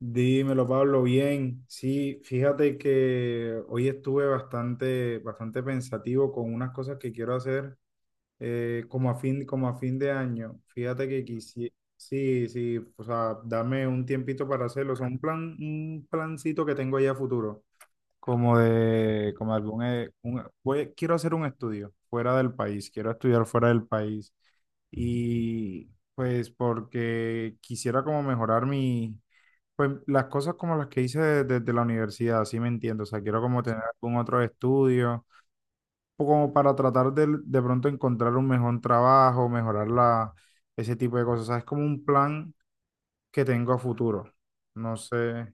Dímelo, Pablo, bien. Sí, fíjate que hoy estuve bastante pensativo con unas cosas que quiero hacer como a fin de año. Fíjate que quisiera, sí, sí, o sea, dame un tiempito para hacerlo. O sea, un plancito que tengo ya a futuro, como algún, voy, quiero hacer un estudio fuera del país, quiero estudiar fuera del país y pues porque quisiera como mejorar mi, pues las cosas como las que hice desde la universidad, sí me entiendo. O sea, quiero como tener algún otro estudio, o como para tratar de pronto encontrar un mejor trabajo, mejorar la, ese tipo de cosas. O sea, es como un plan que tengo a futuro. No sé.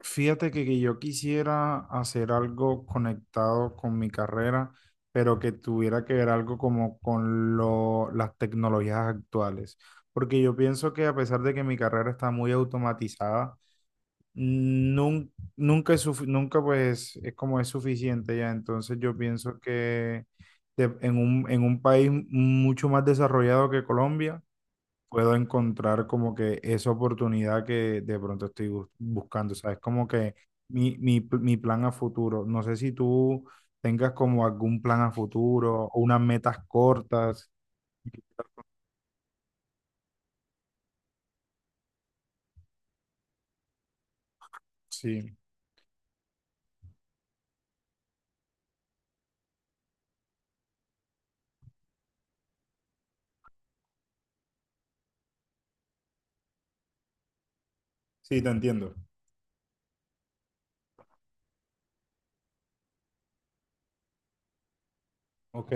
Fíjate que yo quisiera hacer algo conectado con mi carrera, pero que tuviera que ver algo como con lo, las tecnologías actuales. Porque yo pienso que a pesar de que mi carrera está muy automatizada, nunca es nunca pues es como es suficiente ya. Entonces yo pienso que en un país mucho más desarrollado que Colombia, puedo encontrar como que esa oportunidad que de pronto estoy buscando. Sabes como que mi, mi plan a futuro. No sé si tú tengas como algún plan a futuro o unas metas cortas. Sí, sí, te entiendo. Ok.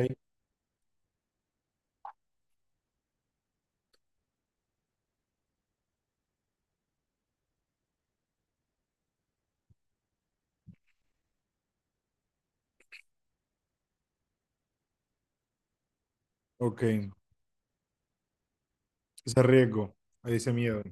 Ok, ese riesgo, ese miedo.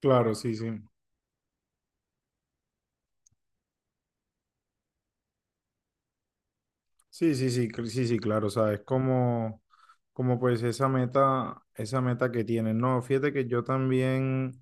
Claro, sí, sí. Sí, sí, sí, sí, sí, claro, o sea, es como, como pues esa meta que tienen. No, fíjate que yo también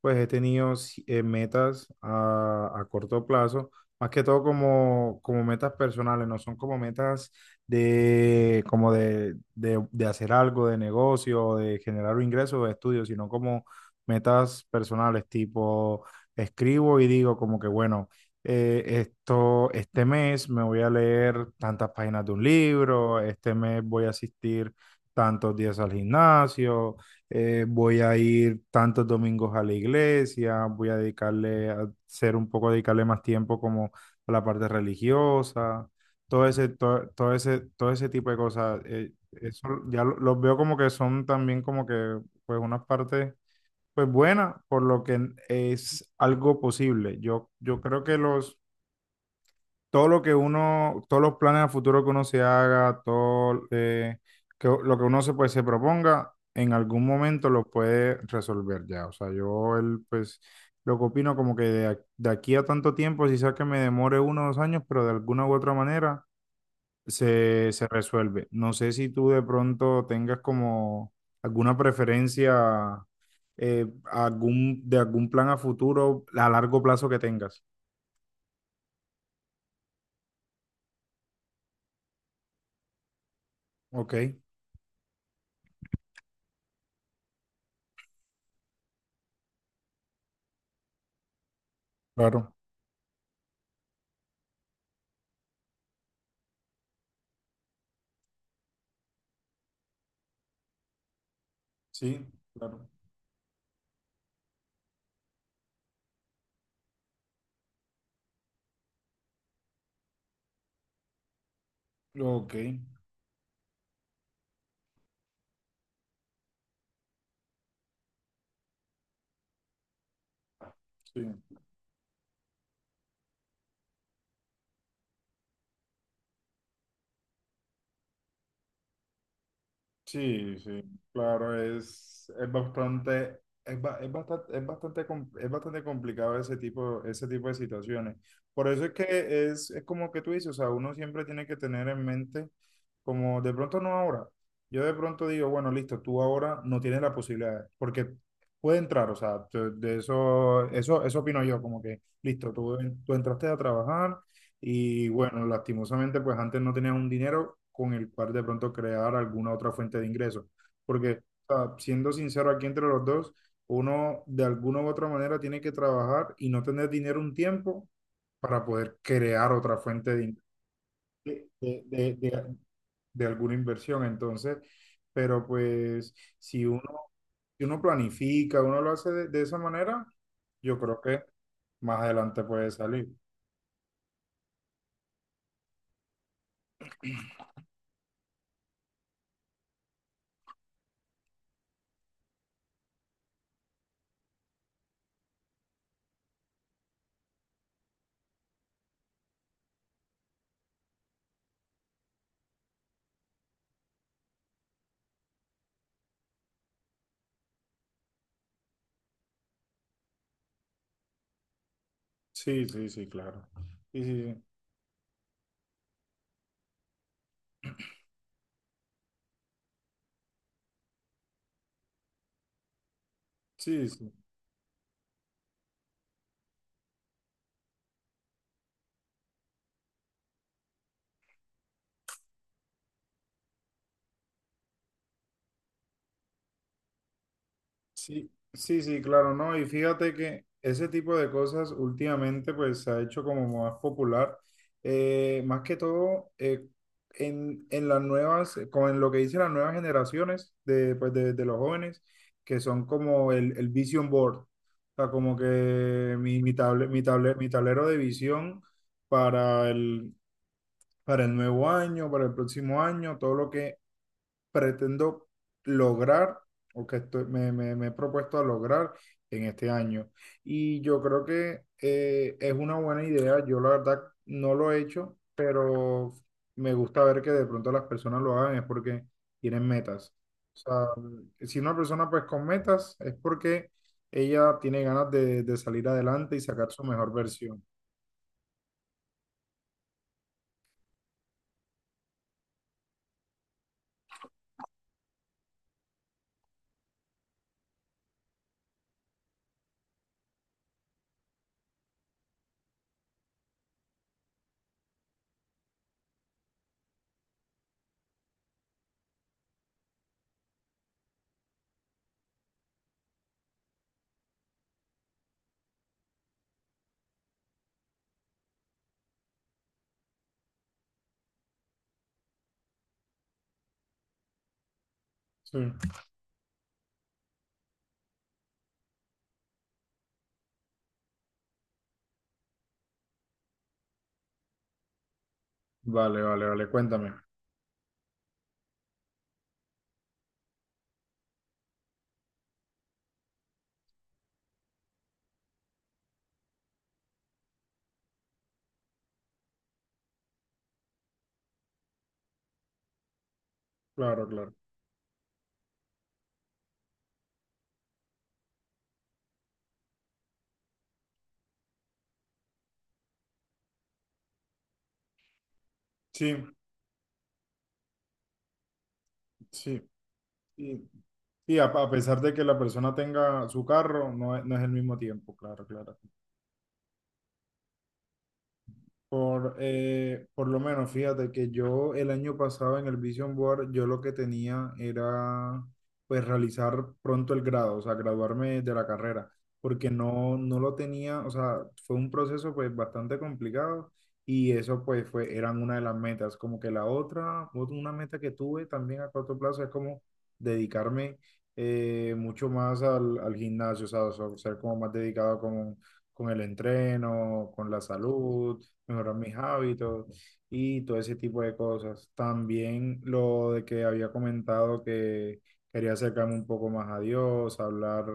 pues he tenido metas a corto plazo, más que todo como, como metas personales, no son como metas de, como de, de hacer algo de negocio, de generar un ingreso de estudio, sino como metas personales, tipo escribo y digo como que bueno esto, este mes me voy a leer tantas páginas de un libro, este mes voy a asistir tantos días al gimnasio, voy a ir tantos domingos a la iglesia, voy a dedicarle a ser un poco, dedicarle más tiempo como a la parte religiosa, todo ese, todo ese, todo ese tipo de cosas. Eso ya los veo como que son también como que pues unas partes pues buena, por lo que es algo posible. Yo creo que los, todo lo que uno, todos los planes a futuro que uno se haga, todo que, lo que uno se, pues, se proponga, en algún momento lo puede resolver ya. O sea, yo el, pues lo que opino como que de, de aquí a tanto tiempo, si sea que me demore uno o dos años, pero de alguna u otra manera se, se resuelve. No sé si tú de pronto tengas como alguna preferencia algún, de algún plan a futuro a largo plazo que tengas. Ok, claro. Sí, claro. Ok, sí, sí, sí, claro, es bastante, es, es bastante, es bastante, es bastante complicado ese tipo de situaciones. Por eso es que es como que tú dices, o sea, uno siempre tiene que tener en mente, como de pronto no ahora. Yo de pronto digo, bueno, listo, tú ahora no tienes la posibilidad, porque puede entrar, o sea, de eso, eso opino yo, como que, listo, tú entraste a trabajar. Y bueno, lastimosamente, pues antes no tenías un dinero con el cual de pronto crear alguna otra fuente de ingresos. Porque, o sea, siendo sincero aquí entre los dos, uno de alguna u otra manera tiene que trabajar y no tener dinero un tiempo para poder crear otra fuente de, de, de, de- de- de alguna inversión. Entonces, pero pues si uno, si uno planifica, uno lo hace de esa manera, yo creo que más adelante puede salir. Sí, sí, sí, claro. Sí sí, sí. Sí, sí, sí, sí, sí, claro, no, y fíjate que ese tipo de cosas últimamente pues se ha hecho como más popular, más que todo en las nuevas, con lo que dicen las nuevas generaciones de, pues, de los jóvenes, que son como el vision board, o sea, como que mi, mi tablero de visión para el, para el nuevo año, para el próximo año, todo lo que pretendo lograr o que me he propuesto a lograr en este año. Y yo creo que es una buena idea. Yo la verdad no lo he hecho, pero me gusta ver que de pronto las personas lo hagan es porque tienen metas. O sea, si una persona pues con metas es porque ella tiene ganas de salir adelante y sacar su mejor versión. Sí. Vale, vale, vale, cuéntame. Claro, claro. Sí, sí. Sí, sí, a pesar de que la persona tenga su carro, no, no es el mismo tiempo, claro, claro. Por lo menos, fíjate que yo el año pasado en el Vision Board, yo lo que tenía era pues realizar pronto el grado, o sea, graduarme de la carrera, porque no, no lo tenía, o sea, fue un proceso pues bastante complicado y eso pues fue, eran una de las metas, como que la otra, una meta que tuve también a corto plazo es como dedicarme mucho más al, al gimnasio, o sea, ser como más dedicado con el entreno, con la salud, mejorar mis hábitos y todo ese tipo de cosas. También lo de que había comentado que quería acercarme un poco más a Dios, hablar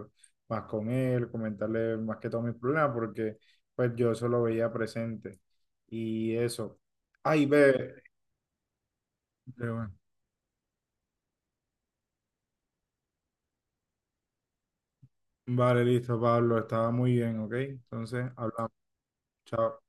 más con Él, comentarle más que todos mis problemas, porque pues yo eso lo veía presente. Y eso. Ay, ve. Pero bueno. Vale, listo, Pablo, estaba muy bien, ¿ok? Entonces, hablamos. Chao.